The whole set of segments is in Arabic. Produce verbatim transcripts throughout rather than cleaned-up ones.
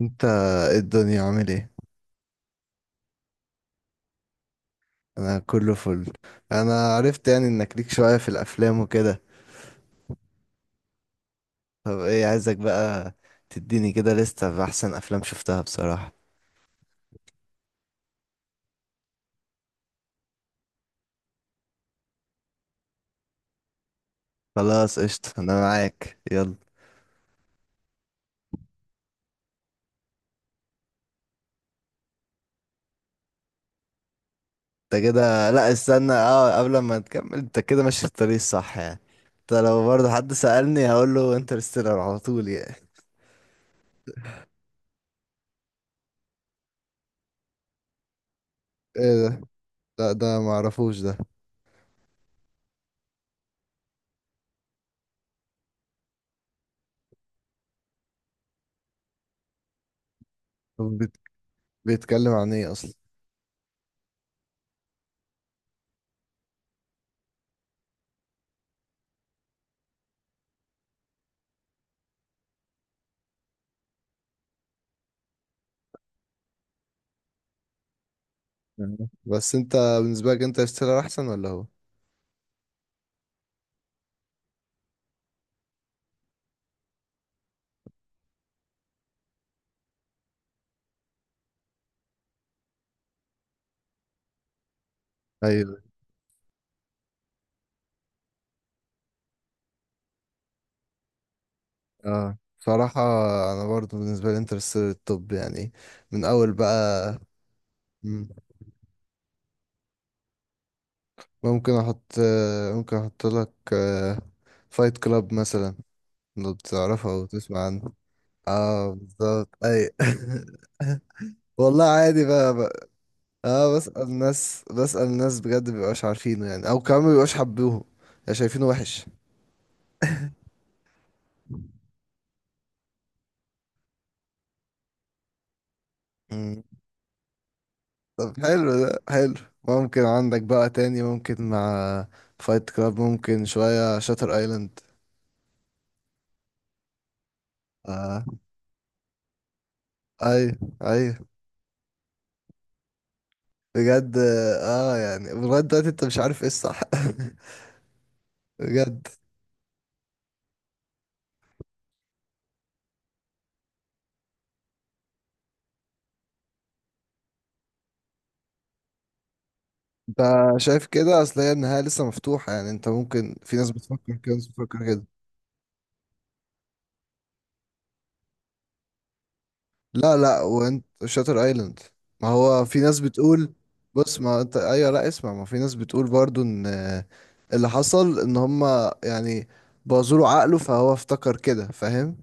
انت، ايه الدنيا؟ عامل ايه؟ انا كله فل. انا عرفت يعني انك ليك شوية في الافلام وكده. طب ايه عايزك بقى؟ تديني كده لستة باحسن افلام شفتها بصراحة. خلاص قشطة، انا معاك يلا. انت كده، لا، استنى. اه، قبل ما تكمل، انت كده ماشي في الطريق الصح يعني. انت لو برضه حد سألني هقول له انترستيلر على طول يعني. ايه ده؟ لا، ده معرفوش ده. طب بيت- بيتكلم عن ايه اصلا؟ مم. بس انت بالنسبة لك انترستيلر احسن ولا هو؟ ايوه. اه، صراحة انا برضو بالنسبة لي انترستيلر الطب يعني، من اول بقى. مم. ممكن احط آه، ممكن احط لك فايت كلاب مثلا، لو بتعرفه او تسمع عنه. اه بالظبط، اي والله عادي بقى, بقى. اه، بسأل ناس، بسأل ناس بجد مبيبقاش عارفينه يعني، او كمان مبيبقاش حبوه، يعني شايفينه وحش. مم. طب حلو، ده حلو. ممكن عندك بقى تاني، ممكن مع فايت كلاب، ممكن شوية شاتر ايلاند. اه، ايوه، ايوه بجد. اه يعني لغايه دلوقتي انت مش عارف ايه الصح بجد. انت شايف كده؟ اصل هي النهايه لسه مفتوحه يعني، انت ممكن، في ناس بتفكر كده، ناس بتفكر كده. لا، لا، وانت شاتر ايلاند، ما هو في ناس بتقول. بص، ما انت، ايوه، لا، اسمع، ما في ناس بتقول برضو ان اللي حصل ان هما يعني بوظوا له عقله فهو افتكر كده، فاهم؟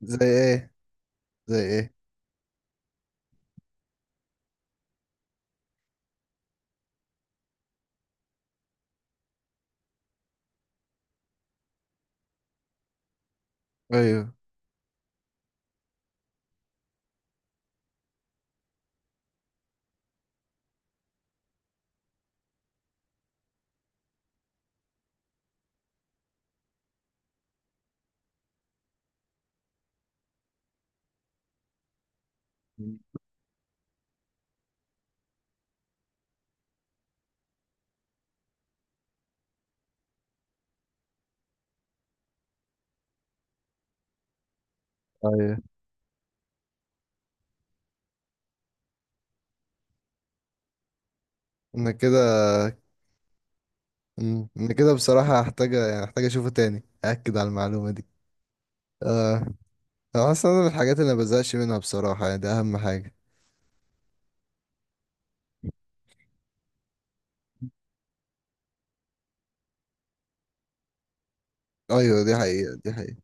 زي ايه؟ زي ايه؟ ايوه، ايوه. انا كده. مم. انا كده بصراحة هحتاج، يعني هحتاج اشوفه تاني اكد على المعلومة دي. اه. انا اصلا، أنا من الحاجات اللي ما بزهقش منها بصراحة، يعني ده اهم حاجة. ايوه، دي حقيقة، دي حقيقة،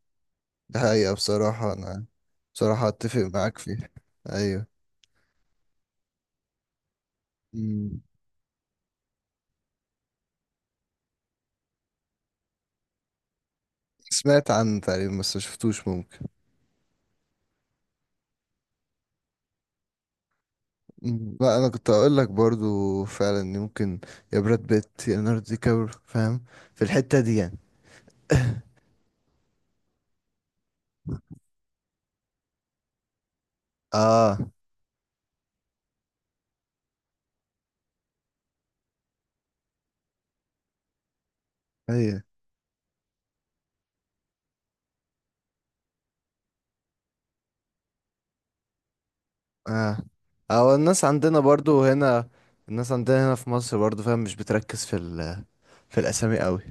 دي حقيقة بصراحة. انا بصراحة اتفق معاك فيها. ايوه. مم. سمعت عنه تقريبا بس ما شفتوش، ممكن. مم. لا، انا كنت اقول لك برضو فعلا إن ممكن يا براد بيت يا ليوناردو دي كابريو، فاهم، في الحتة دي يعني. اه، ايوه، اه، او الناس عندنا برضو هنا، الناس عندنا هنا في مصر برضو، فاهم، مش بتركز في ال... في الاسامي قوي.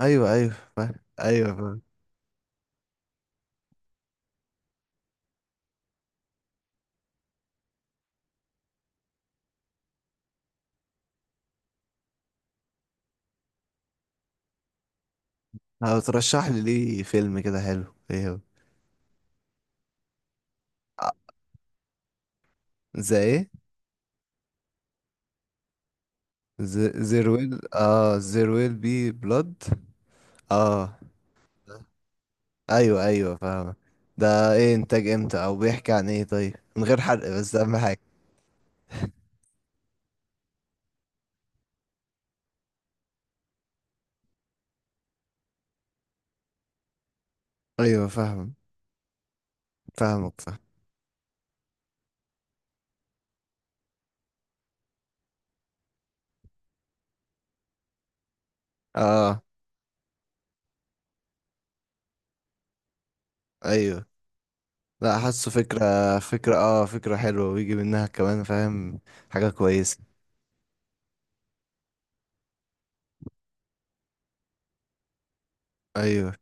ايوه، ايوه فاهم. ايوه فاهم. هترشح لي ليه فيلم كده حلو، ايه هو؟ آه، زي ايه؟ زيرويل، اه زيرويل بي بلود. اه، ايوه، ايوه فاهم. ده ايه انتاج امتى، او بيحكي عن ايه، طيب من غير حرق بس، اهم حاجه. ايوه فاهم، فاهمك فاهم. اه ايوه. لا، حاسه فكرة، فكرة، اه فكرة حلوة ويجي منها كمان، فاهم، حاجة كويسة. ايوه.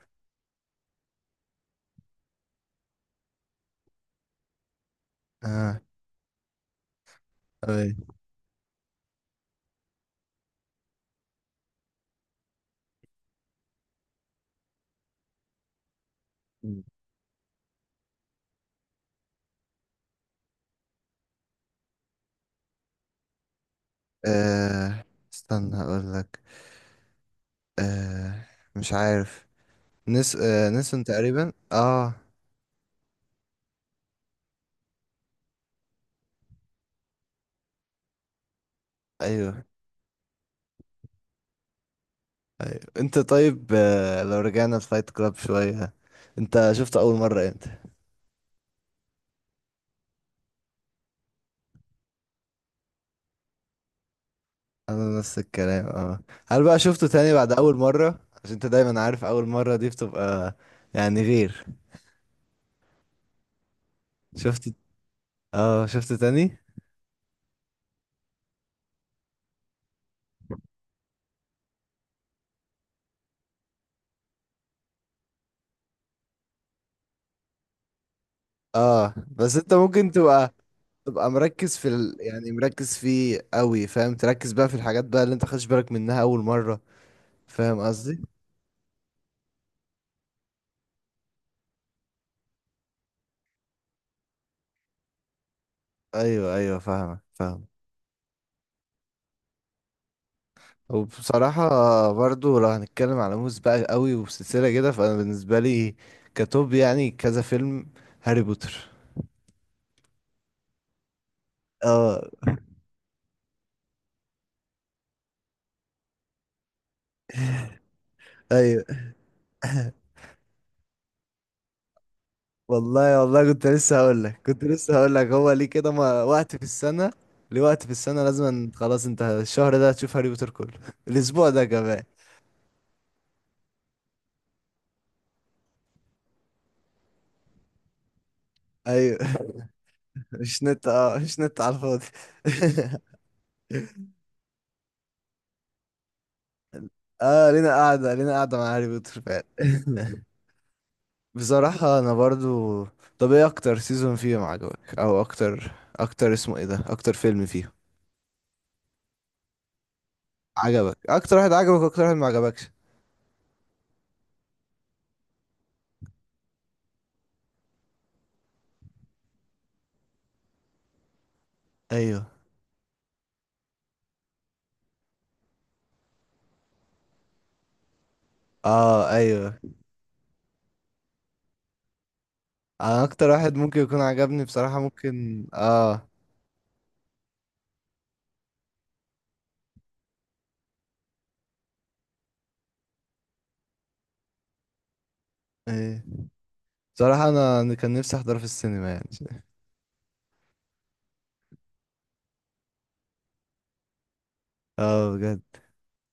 اه، ايوه. آه. استنى اقول لك. آه. مش عارف. نس آه. نسون تقريبا. اه، ايوه، ايوه. انت طيب، آه. لو رجعنا لفايت كلاب شوية، انت شفته اول مرة امتى؟ انا نفس الكلام. اه. هل بقى شفته تاني بعد اول مرة؟ عشان انت دايما عارف اول مرة دي بتبقى يعني غير. شفت، اه، شفته تاني. اه بس انت ممكن تبقى تبقى مركز في ال... يعني مركز فيه قوي، فاهم؟ تركز بقى في الحاجات بقى اللي انت خدش بالك منها اول مرة، فاهم قصدي؟ ايوه، ايوه فاهمك فاهم. وبصراحة برضو لو هنتكلم على موز بقى قوي وسلسلة كده، فانا بالنسبة لي كتوب يعني كذا فيلم، هاري بوتر. اه، ايوه والله، والله، كنت لسه هقول لك كنت لسه هقول لك هو ليه كده؟ ما وقت في السنة، ليه وقت في السنة لازم أن- خلاص، انت الشهر ده هتشوف هاري بوتر كله الاسبوع ده كمان. ايوه مش نت، اه مش نت على الفاضي اه، لينا قاعدة، لينا قاعدة مع هاري بوتر فعلا بصراحة انا برضو، طب ايه اكتر سيزون فيهم عجبك، او اكتر اكتر اسمه ايه ده، اكتر فيلم فيهم عجبك؟ اكتر واحد عجبك، واكتر واحد ما عجبكش؟ ايوه. اه، ايوه. انا اكتر واحد ممكن يكون عجبني بصراحة، ممكن، اه. ايه بصراحة انا أنا كان نفسي احضره في السينما يعني. اه بجد.